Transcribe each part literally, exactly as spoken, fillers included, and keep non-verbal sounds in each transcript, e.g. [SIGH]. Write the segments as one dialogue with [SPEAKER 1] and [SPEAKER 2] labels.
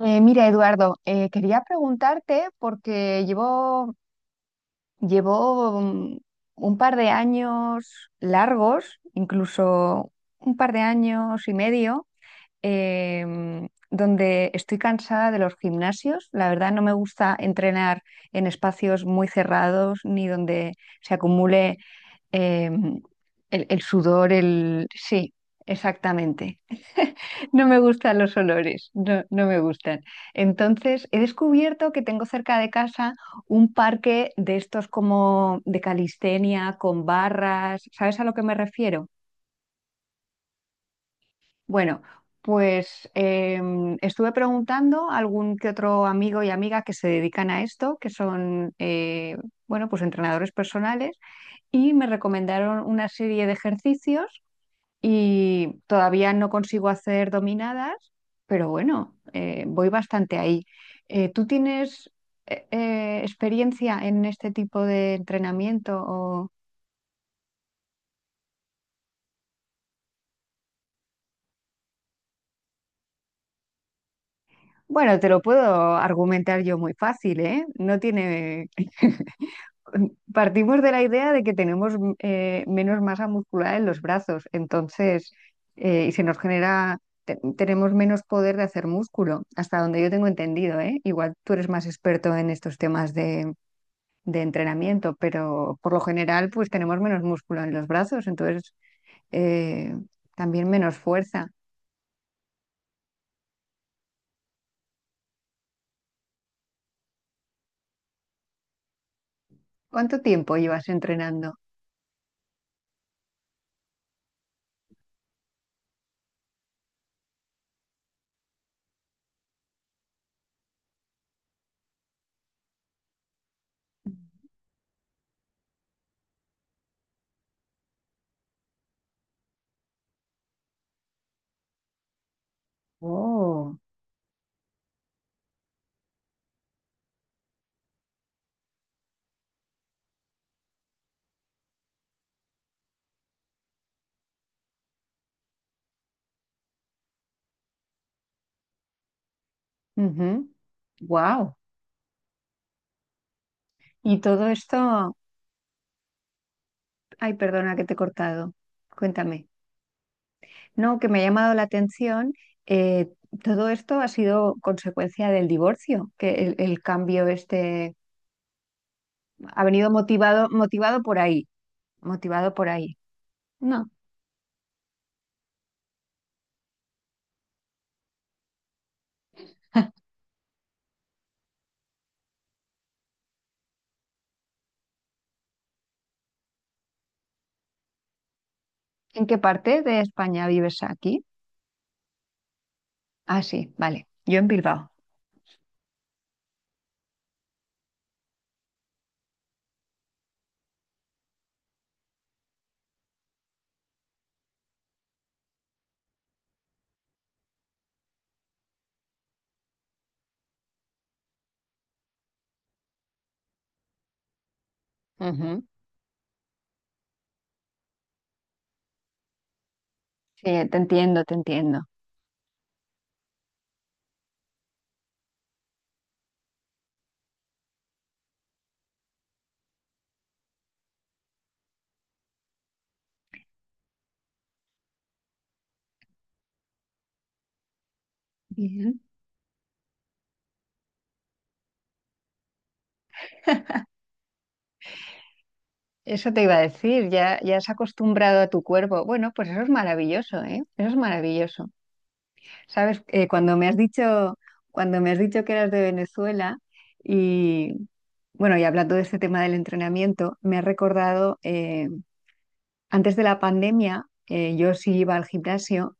[SPEAKER 1] Eh, mira, Eduardo, eh, quería preguntarte porque llevo, llevo mm, un par de años largos, incluso un par de años y medio, em, donde estoy cansada de los gimnasios. La verdad, no me gusta entrenar en espacios muy cerrados ni donde se acumule eh, el, el sudor, el... Sí, exactamente. [LAUGHS] No me gustan los olores, no, no me gustan. Entonces, he descubierto que tengo cerca de casa un parque de estos como de calistenia, con barras, ¿sabes a lo que me refiero? Bueno, pues em, estuve preguntando a algún que otro amigo y amiga que se dedican a esto, que son, eh, bueno, pues entrenadores personales, y me recomendaron una serie de ejercicios y todavía no consigo hacer dominadas, pero bueno, eh, voy bastante ahí. Eh, ¿tú tienes eh, eh, experiencia en este tipo de entrenamiento? O... Bueno, te lo puedo argumentar yo muy fácil, ¿eh? No tiene... [LAUGHS] Partimos de la idea de que tenemos eh, menos masa muscular en los brazos, entonces, eh, y se nos genera, te- tenemos menos poder de hacer músculo, hasta donde yo tengo entendido, ¿eh? Igual tú eres más experto en estos temas de, de entrenamiento, pero por lo general, pues tenemos menos músculo en los brazos, entonces eh, también menos fuerza. ¿Cuánto tiempo llevas entrenando? Oh. Wow. Y todo esto, ay, perdona que te he cortado. Cuéntame. No, que me ha llamado la atención. Eh, todo esto ha sido consecuencia del divorcio, que el, el cambio este ha venido motivado, motivado por ahí, motivado por ahí. No. ¿En qué parte de España vives aquí? Ah, sí, vale. Yo en Bilbao. Ujú. Sí, te entiendo, te entiendo. Bien. Eso te iba a decir, ya, ya has acostumbrado a tu cuerpo. Bueno, pues eso es maravilloso, ¿eh? Eso es maravilloso. ¿Sabes? Eh, cuando me has dicho, cuando me has dicho que eras de Venezuela y bueno, y hablando de este tema del entrenamiento, me ha recordado eh, antes de la pandemia, eh, yo sí iba al gimnasio,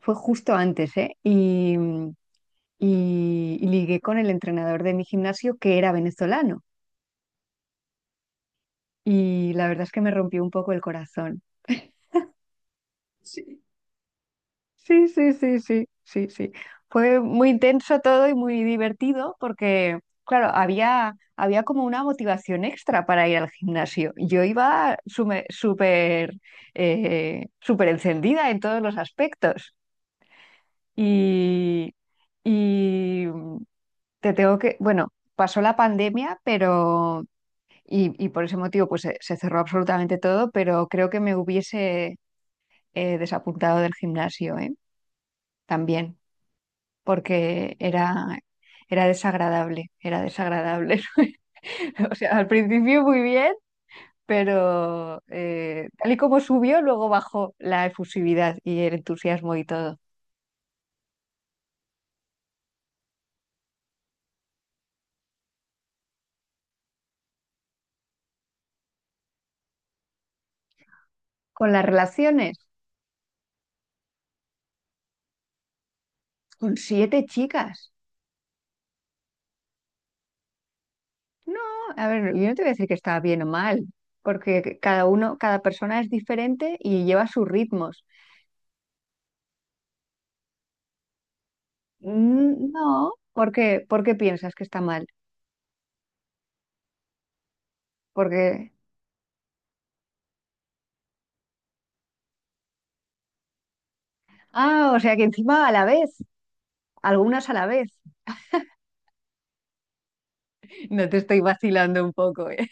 [SPEAKER 1] fue justo antes, ¿eh? Y, y- y ligué con el entrenador de mi gimnasio que era venezolano y la verdad es que me rompió un poco el corazón. Sí. Sí, sí, sí, sí, sí, sí. Fue muy intenso todo y muy divertido porque, claro, había, había como una motivación extra para ir al gimnasio. Yo iba sume- súper eh, súper encendida en todos los aspectos. Y, y te tengo que, bueno, pasó la pandemia, pero, y, y por ese motivo pues se, se cerró absolutamente todo, pero creo que me hubiese eh, desapuntado del gimnasio, ¿eh? También. Porque era, era desagradable, era desagradable. [LAUGHS] O sea, al principio muy bien, pero eh, tal y como subió, luego bajó la efusividad y el entusiasmo y todo. Con las relaciones, con siete chicas. No, a ver, yo no te voy a decir que está bien o mal, porque cada uno, cada persona es diferente y lleva sus ritmos. Mm, no, ¿por qué, por qué piensas que está mal? Porque, ah, o sea que encima a la vez, algunas a la vez. No te estoy vacilando un poco, ¿eh?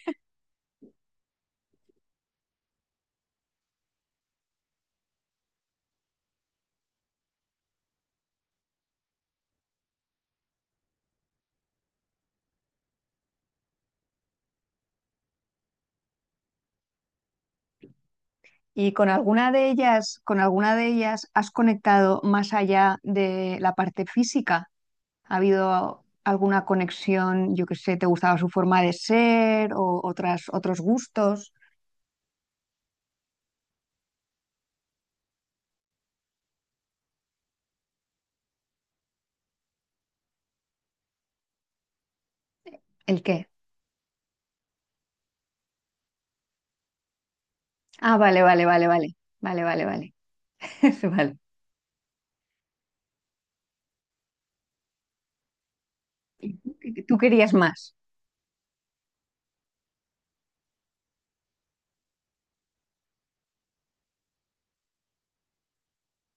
[SPEAKER 1] ¿Y con alguna de ellas, con alguna de ellas has conectado más allá de la parte física? ¿Ha habido alguna conexión, yo qué sé, te gustaba su forma de ser o otras, otros gustos? ¿El qué? Ah, vale, vale, vale, vale, vale, vale, vale. [LAUGHS] Vale. ¿Y tú, tú querías más?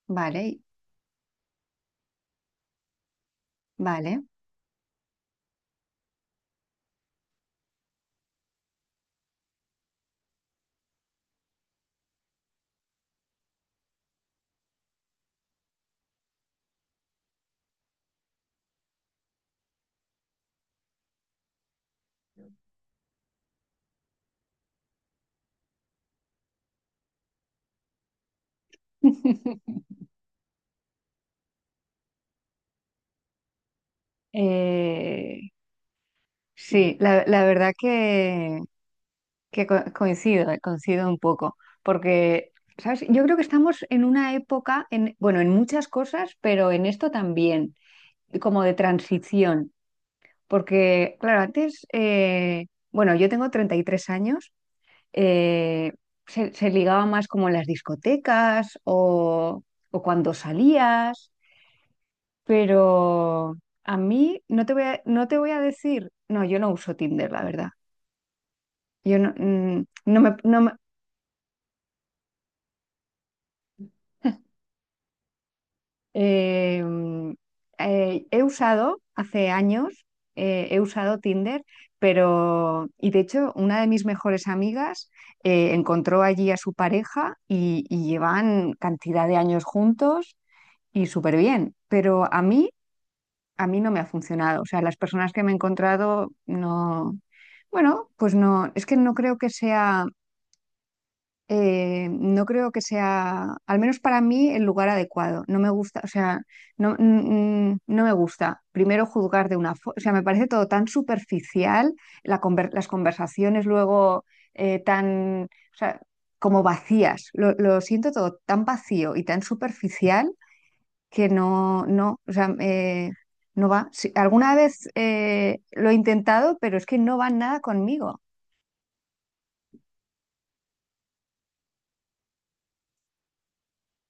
[SPEAKER 1] Vale, vale. [LAUGHS] Eh, sí, la, la verdad que Que co- coincido, eh, coincido un poco, porque, ¿sabes? Yo creo que estamos en una época, en, bueno, en muchas cosas, pero en esto también, como de transición, porque, claro, antes, eh, bueno, yo tengo treinta y tres años, eh, se, se ligaba más como en las discotecas o, o cuando salías, pero a mí no te voy a, no te voy a decir, no, yo no uso Tinder, la verdad. Yo no, mm, no me, no me- Eh, eh, he usado hace años, eh, he usado Tinder, pero, y de hecho, una de mis mejores amigas eh, encontró allí a su pareja y, y llevan cantidad de años juntos y súper bien, pero a mí, a mí no me ha funcionado. O sea, las personas que me he encontrado no, bueno, pues no, es que no creo que sea eh, no creo que sea, al menos para mí, el lugar adecuado. No me gusta, o sea, no, mm, mm, no me gusta primero juzgar de una forma, o sea, me parece todo tan superficial, la conver- las conversaciones luego eh, tan, o sea, como vacías. Lo, lo siento todo tan vacío y tan superficial que no, no, o sea, eh, no va. Sí, alguna vez eh, lo he intentado, pero es que no va nada conmigo.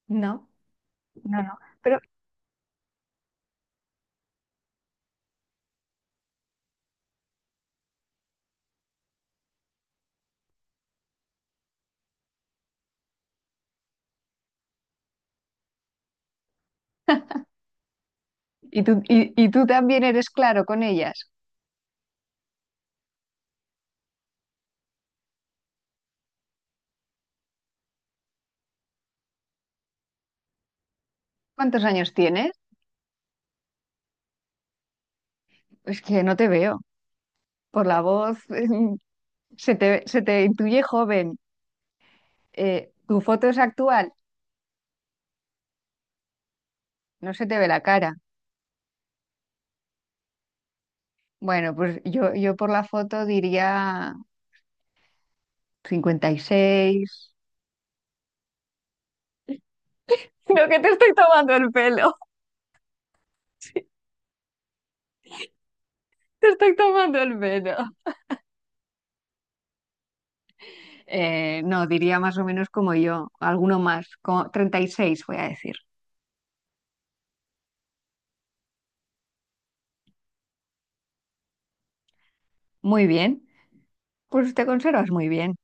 [SPEAKER 1] No, no, no. Pero ¿y tú, y, y tú también eres claro con ellas? ¿Cuántos años tienes? Es que no te veo. Por la voz, [LAUGHS] se te, se te intuye joven. Eh, ¿tu foto es actual? No se te ve la cara. Bueno, pues yo, yo por la foto diría cincuenta y seis. [LAUGHS] No, que te estoy tomando el pelo. [LAUGHS] Sí, te estoy tomando el pelo. Eh, no, diría más o menos como yo, alguno más, como treinta y seis, voy a decir. Muy bien, pues te conservas muy bien.